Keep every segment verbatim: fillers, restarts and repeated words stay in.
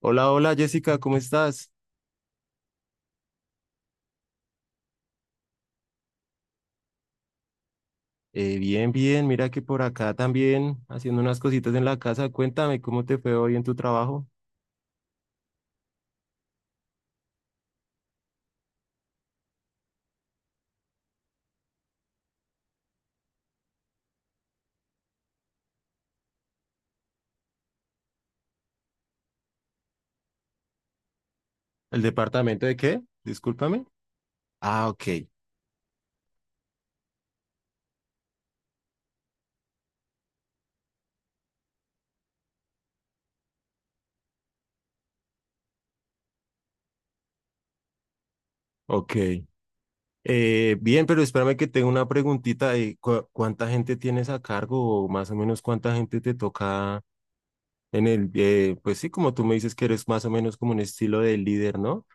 Hola, hola Jessica, ¿cómo estás? Eh, bien, bien, mira que por acá también haciendo unas cositas en la casa. Cuéntame, ¿cómo te fue hoy en tu trabajo? ¿El departamento de qué? Discúlpame. Ah, ok, ok. Eh, bien, pero espérame que tengo una preguntita de cu- cuánta gente tienes a cargo o más o menos cuánta gente te toca en el, eh, pues sí, como tú me dices que eres más o menos como un estilo de líder, ¿no?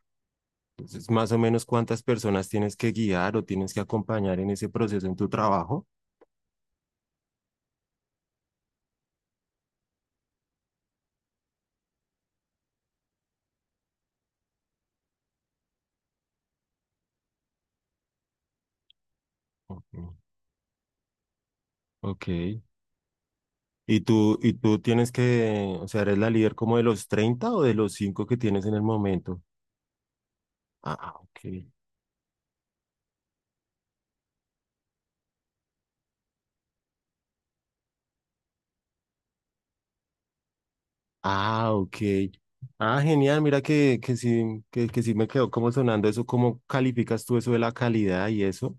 Entonces, más o menos cuántas personas tienes que guiar o tienes que acompañar en ese proceso en tu trabajo. Ok. Ok. Y tú, y tú tienes que, o sea, eres la líder como de los treinta o de los cinco que tienes en el momento. Ah, ok. Ah, ok. Ah, genial. Mira que, que sí, que, que sí me quedó como sonando eso. ¿Cómo calificas tú eso de la calidad y eso?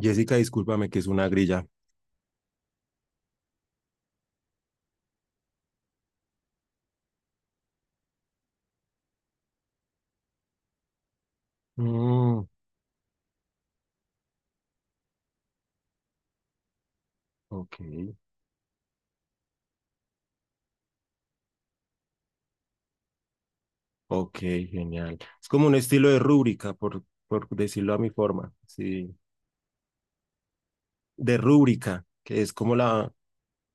Jessica, discúlpame que es una grilla. Mm, ok. Ok, genial. Es como un estilo de rúbrica, por, por decirlo a mi forma. Sí. De rúbrica, que es como la,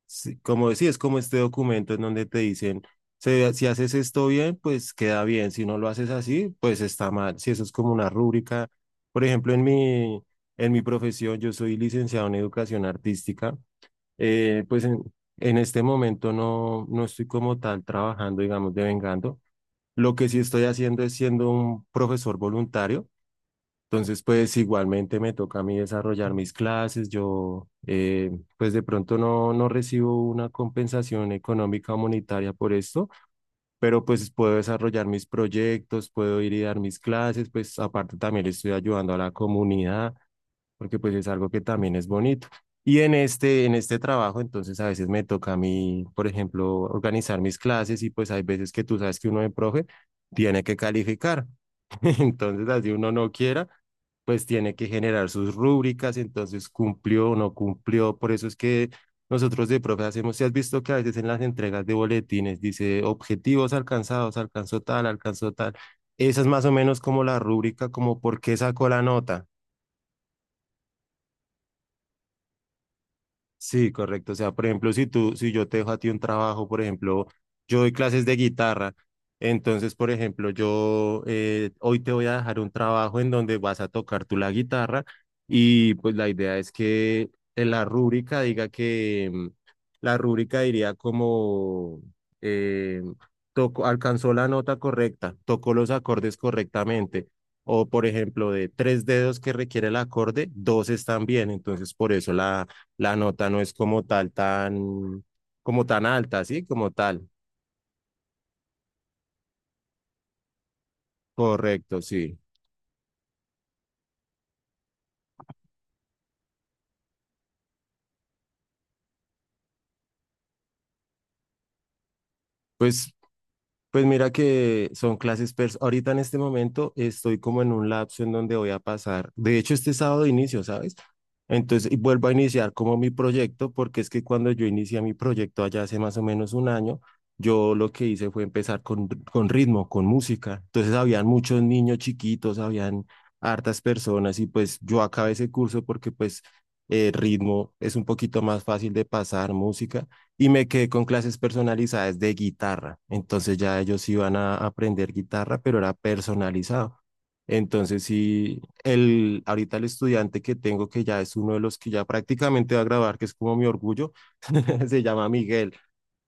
sí, como decía, es como este documento en donde te dicen, "Se- si haces esto bien, pues queda bien, si no lo haces así, pues está mal. Si eso es como una rúbrica, por ejemplo, en mi, en mi profesión, yo soy licenciado en educación artística, eh, pues en, en este momento no, no estoy como tal trabajando, digamos, devengando. Lo que sí estoy haciendo es siendo un profesor voluntario. Entonces, pues igualmente me toca a mí desarrollar mis clases. Yo, eh, pues de pronto no, no recibo una compensación económica o monetaria por esto, pero pues puedo desarrollar mis proyectos, puedo ir y dar mis clases, pues aparte también le estoy ayudando a la comunidad porque pues es algo que también es bonito. Y en este, en este trabajo, entonces a veces me toca a mí, por ejemplo, organizar mis clases y pues hay veces que tú sabes que uno de profe tiene que calificar. Entonces, así uno no quiera, pues tiene que generar sus rúbricas, entonces cumplió o no cumplió. Por eso es que nosotros de profe hacemos, si has visto que a veces en las entregas de boletines dice objetivos alcanzados, alcanzó tal, alcanzó tal. Esa es más o menos como la rúbrica, como por qué sacó la nota. Sí, correcto. O sea, por ejemplo, si tú, si yo te dejo a ti un trabajo, por ejemplo, yo doy clases de guitarra, entonces, por ejemplo, yo eh, hoy te voy a dejar un trabajo en donde vas a tocar tú la guitarra y pues la idea es que en la rúbrica diga que mm, la rúbrica diría como eh, tocó, alcanzó la nota correcta, tocó los acordes correctamente. O, por ejemplo, de tres dedos que requiere el acorde, dos están bien. Entonces, por eso la, la nota no es como tal tan, como tan alta, ¿sí? Como tal. Correcto, sí. Pues Pues mira que son clases, pers- ahorita en este momento estoy como en un lapso en donde voy a pasar, de hecho este sábado inicio, ¿sabes? Entonces y vuelvo a iniciar como mi proyecto, porque es que cuando yo inicié mi proyecto allá hace más o menos un año, yo lo que hice fue empezar con, con ritmo, con música. Entonces habían muchos niños chiquitos, habían hartas personas y pues yo acabé ese curso porque pues eh, ritmo es un poquito más fácil de pasar música y me quedé con clases personalizadas de guitarra. Entonces ya ellos iban a aprender guitarra, pero era personalizado. Entonces sí, el, ahorita el estudiante que tengo, que ya es uno de los que ya prácticamente va a grabar, que es como mi orgullo, se llama Miguel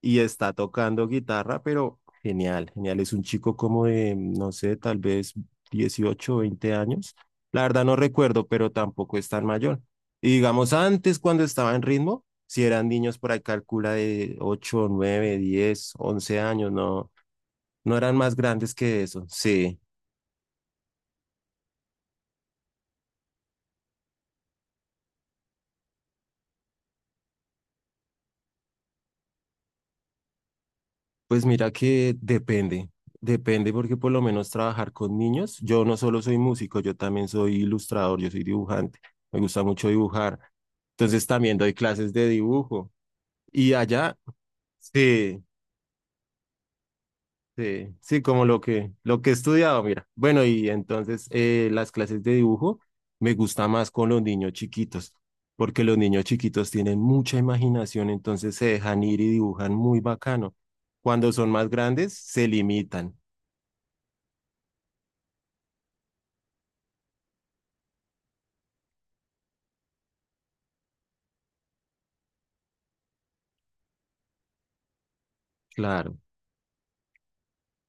y está tocando guitarra, pero genial, genial. Es un chico como de, no sé, tal vez dieciocho veinte años. La verdad no recuerdo, pero tampoco es tan mayor. Y digamos, antes cuando estaba en ritmo, si eran niños por ahí, calcula de ocho nueve diez once años, no, no eran más grandes que eso. Sí, pues mira que depende, depende porque por lo menos trabajar con niños, yo no solo soy músico, yo también soy ilustrador, yo soy dibujante, me gusta mucho dibujar. Entonces también doy clases de dibujo. Y allá, sí, sí, sí, como lo que, lo que he estudiado, mira. Bueno, y entonces eh, las clases de dibujo me gusta más con los niños chiquitos, porque los niños chiquitos tienen mucha imaginación, entonces se dejan ir y dibujan muy bacano. Cuando son más grandes, se limitan, claro.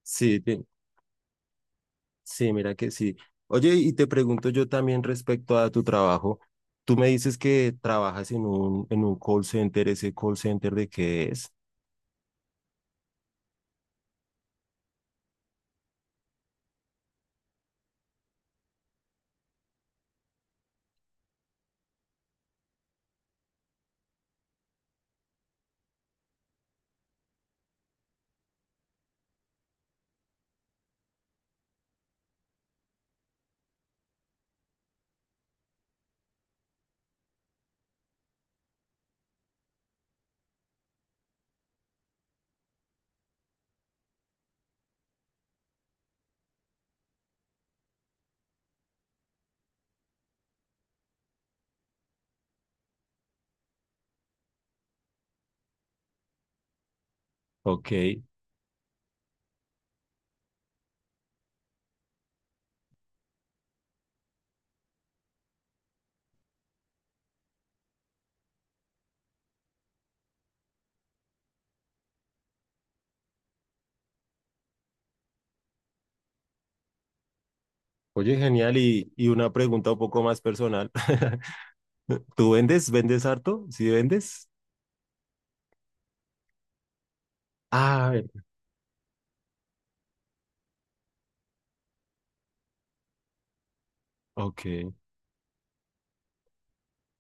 Sí, ti- sí, mira que sí. Oye, y te pregunto yo también respecto a tu trabajo. Tú me dices que trabajas en un, en un call center, ¿ese call center de qué es? Ok. Oye, genial. Y, y una pregunta un poco más personal. ¿Tú vendes? ¿Vendes harto? ¿Sí vendes? Ah, ver- ok.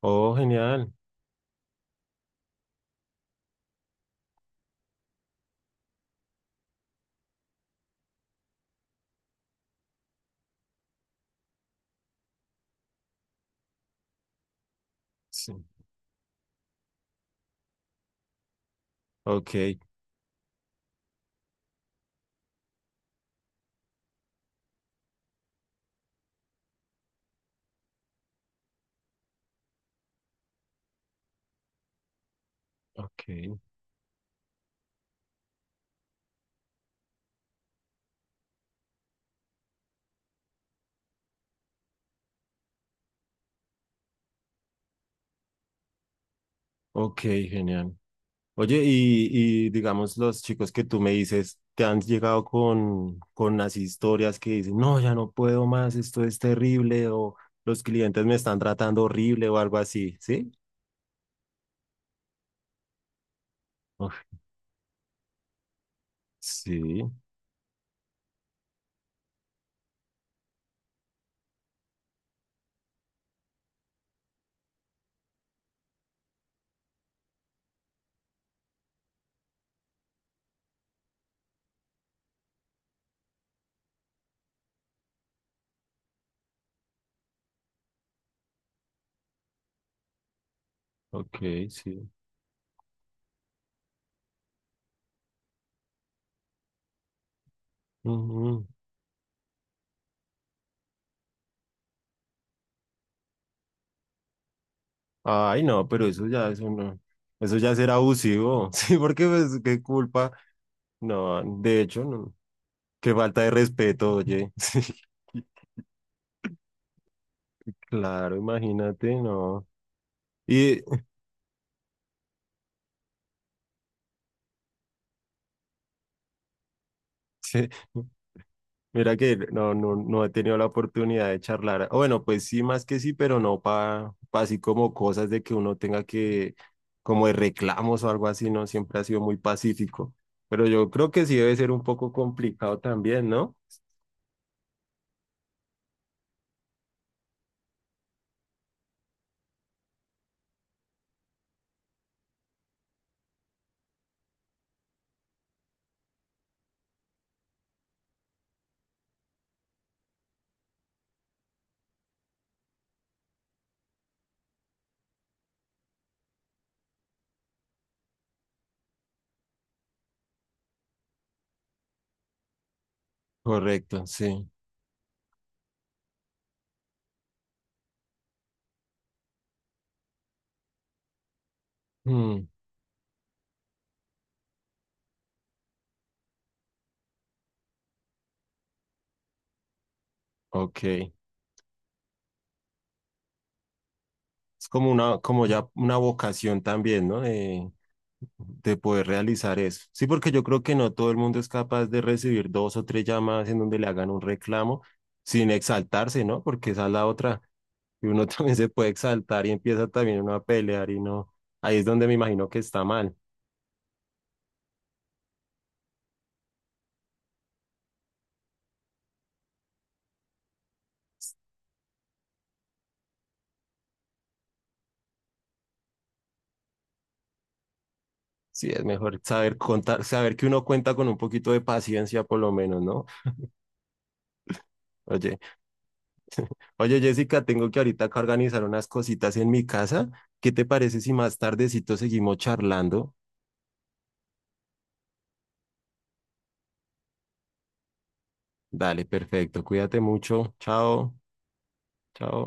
Oh, genial. Sí. Ok, ok, ok, genial. Oye, y, y digamos, los chicos que tú me dices, te han llegado con, con las historias que dicen, no, ya no puedo más, esto es terrible, o los clientes me están tratando horrible o algo así, ¿sí? Uf, sí, ok, sí. Ay, no, pero eso ya, eso no, eso ya será abusivo, sí, porque pues, qué culpa, no, de hecho, no, qué falta de respeto, oye, sí, claro, imagínate, no, y sí, mira que no, no, no he tenido la oportunidad de charlar, o bueno, pues sí, más que sí, pero no para, así como cosas de que uno tenga que, como de reclamos o algo así, no, siempre ha sido muy pacífico, pero yo creo que sí debe ser un poco complicado también, ¿no? Correcto, sí. Mm. Ok, es como una, como ya una vocación también, ¿no? De, de poder realizar eso. Sí, porque yo creo que no todo el mundo es capaz de recibir dos o tres llamadas en donde le hagan un reclamo sin exaltarse, ¿no? Porque esa es la otra. Y uno también se puede exaltar y empieza también uno a pelear y no. Ahí es donde me imagino que está mal. Sí, es mejor saber contar, saber que uno cuenta con un poquito de paciencia por lo menos, ¿no? Oye. Oye, Jessica, tengo que ahorita acá organizar unas cositas en mi casa. ¿Qué te parece si más tardecito seguimos charlando? Dale, perfecto. Cuídate mucho. Chao, chao.